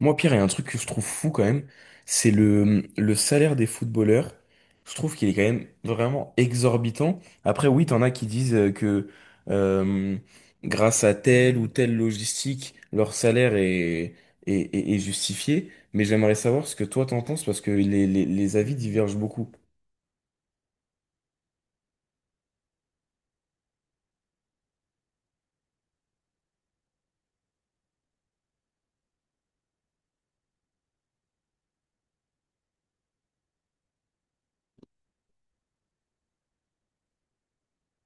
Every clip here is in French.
Moi, Pierre, il y a un truc que je trouve fou quand même, c'est le salaire des footballeurs. Je trouve qu'il est quand même vraiment exorbitant. Après, oui, t'en as qui disent que euh, grâce à telle ou telle logistique, leur salaire est justifié. Mais j'aimerais savoir ce que toi t'en penses parce que les avis divergent beaucoup.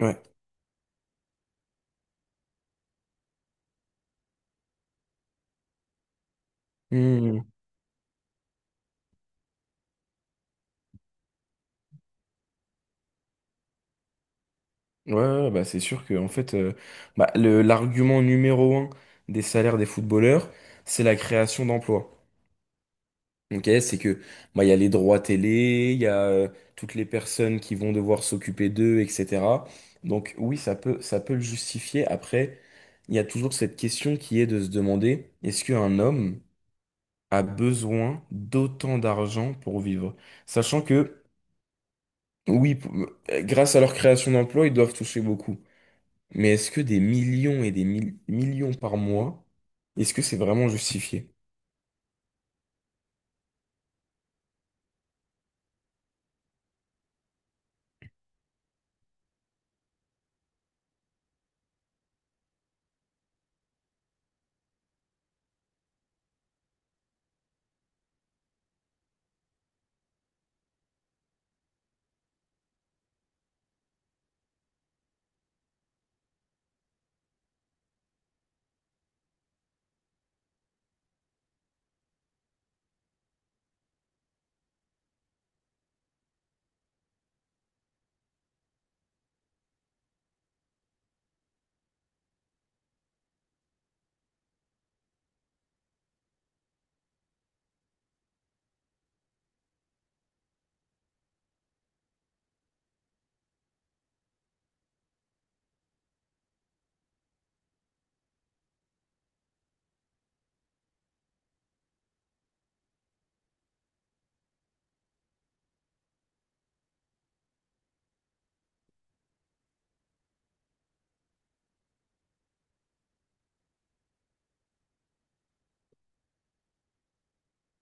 Ouais. Hmm. Ouais, ouais, bah c'est sûr que en fait, l'argument numéro un des salaires des footballeurs, c'est la création d'emplois. Ok, c'est que bah, il y a les droits télé, il y a toutes les personnes qui vont devoir s'occuper d'eux, etc. Donc oui, ça peut le justifier. Après, il y a toujours cette question qui est de se demander, est-ce qu'un homme a besoin d'autant d'argent pour vivre? Sachant que, oui, grâce à leur création d'emplois, ils doivent toucher beaucoup. Mais est-ce que des millions et des millions par mois, est-ce que c'est vraiment justifié?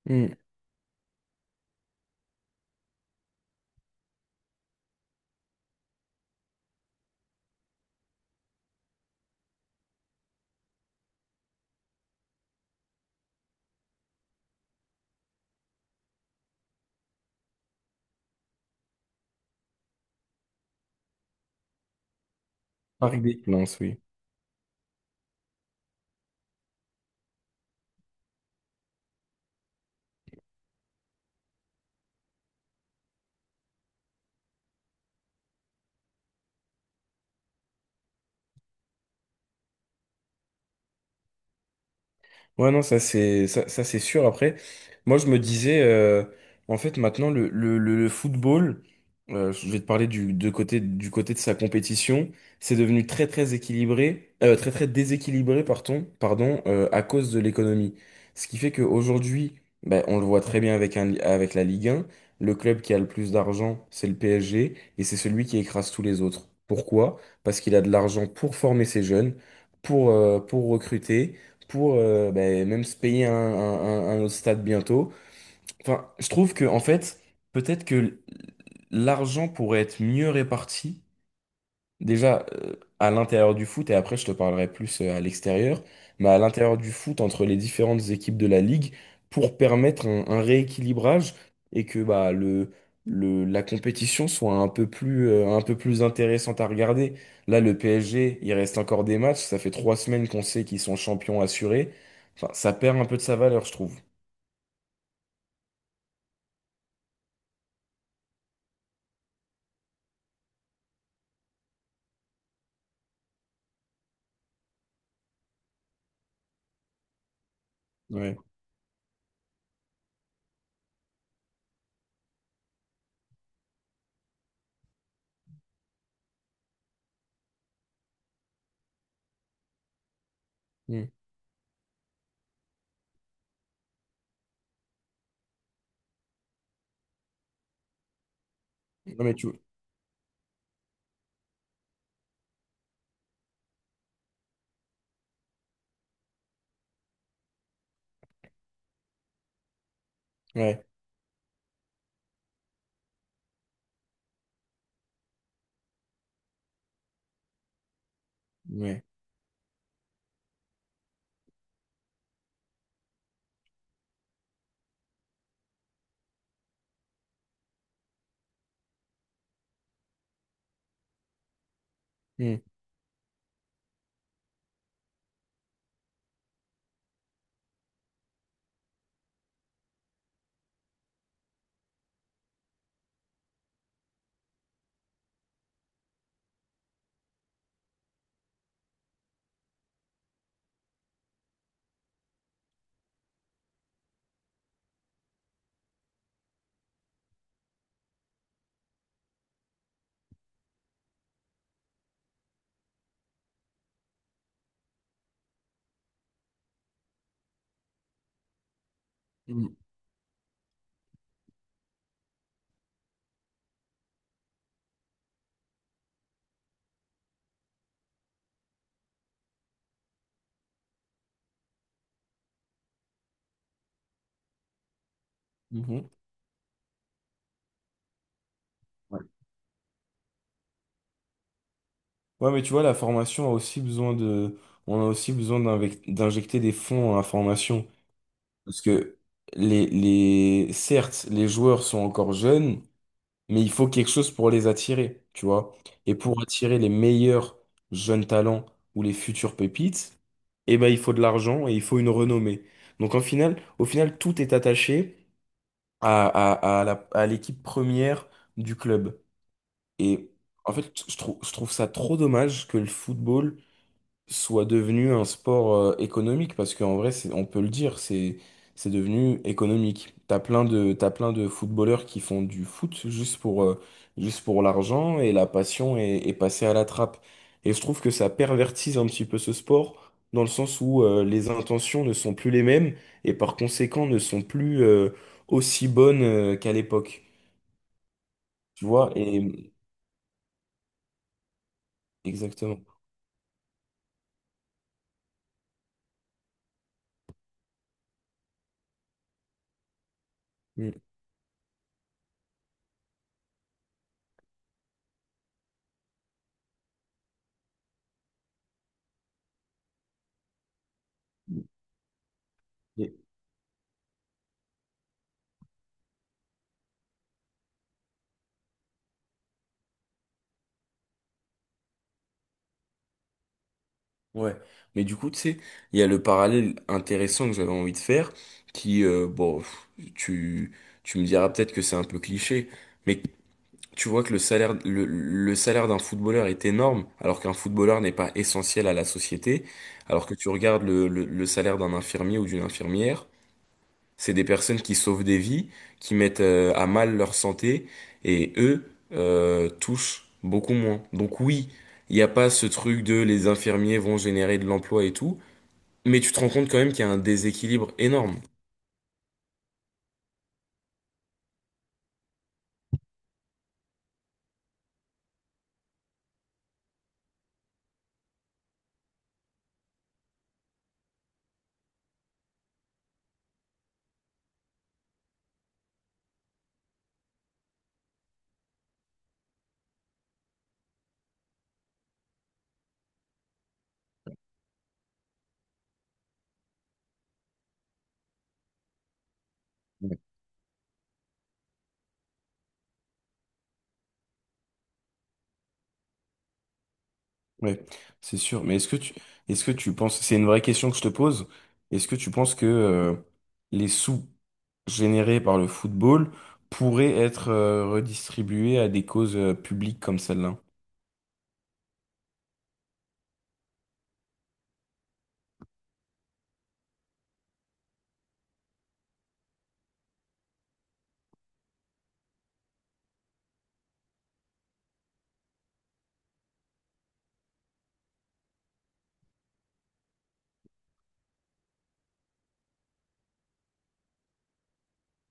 Hmm. Par des plaintes, oui. Ouais, non, ça c'est ça, c'est sûr. Après, moi je me disais, en fait, maintenant le football, je vais te parler de côté, du côté de sa compétition, c'est devenu très très déséquilibré, pardon, à cause de l'économie. Ce qui fait qu'aujourd'hui, ben, on le voit très bien avec la Ligue 1, le club qui a le plus d'argent, c'est le PSG, et c'est celui qui écrase tous les autres. Pourquoi? Parce qu'il a de l'argent pour former ses jeunes, pour recruter pour ben, même se payer un autre stade bientôt. Enfin, je trouve que en fait, peut-être que l'argent pourrait être mieux réparti. Déjà, à l'intérieur du foot, et après je te parlerai plus à l'extérieur, mais à l'intérieur du foot, entre les différentes équipes de la ligue, pour permettre un rééquilibrage et que bah, la compétition soit un peu plus intéressante à regarder. Là, le PSG, il reste encore des matchs, ça fait trois semaines qu'on sait qu'ils sont champions assurés. Enfin, ça perd un peu de sa valeur, je trouve. Ouais. Mm. Non, mais tu... Ouais. Ouais. Mm. Mm. Mhm. Ouais, mais tu vois, la formation a aussi besoin de, on a aussi besoin d'injecter des fonds à la formation. Parce que certes, les joueurs sont encore jeunes, mais il faut quelque chose pour les attirer, tu vois. Et pour attirer les meilleurs jeunes talents ou les futurs pépites, eh ben, il faut de l'argent et il faut une renommée. Donc, au final, tout est attaché à l'équipe première du club. Et en fait, je trouve ça trop dommage que le football soit devenu un sport économique parce qu'en vrai c'est on peut le dire c'est devenu économique. T'as plein de footballeurs qui font du foot juste pour l'argent et la passion est passée à la trappe. Et je trouve que ça pervertise un petit peu ce sport dans le sens où les intentions ne sont plus les mêmes et par conséquent ne sont plus aussi bonnes qu'à l'époque. Tu vois? Et exactement. Mm. Ouais, mais du coup, tu sais, il y a le parallèle intéressant que j'avais envie de faire, qui, bon, pff, tu, tu me diras peut-être que c'est un peu cliché, mais tu vois que le salaire d'un footballeur est énorme, alors qu'un footballeur n'est pas essentiel à la société, alors que tu regardes le salaire d'un infirmier ou d'une infirmière, c'est des personnes qui sauvent des vies, qui mettent à mal leur santé et eux touchent beaucoup moins. Donc oui, il n'y a pas ce truc de les infirmiers vont générer de l'emploi et tout, mais tu te rends compte quand même qu'il y a un déséquilibre énorme. Ouais. Ouais, c'est sûr. Mais est-ce que tu penses, c'est une vraie question que je te pose, est-ce que tu penses que les sous générés par le football pourraient être redistribués à des causes publiques comme celle-là?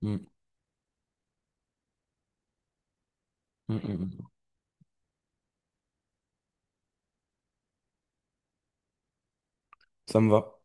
Mm, mm, mm. Ça me va.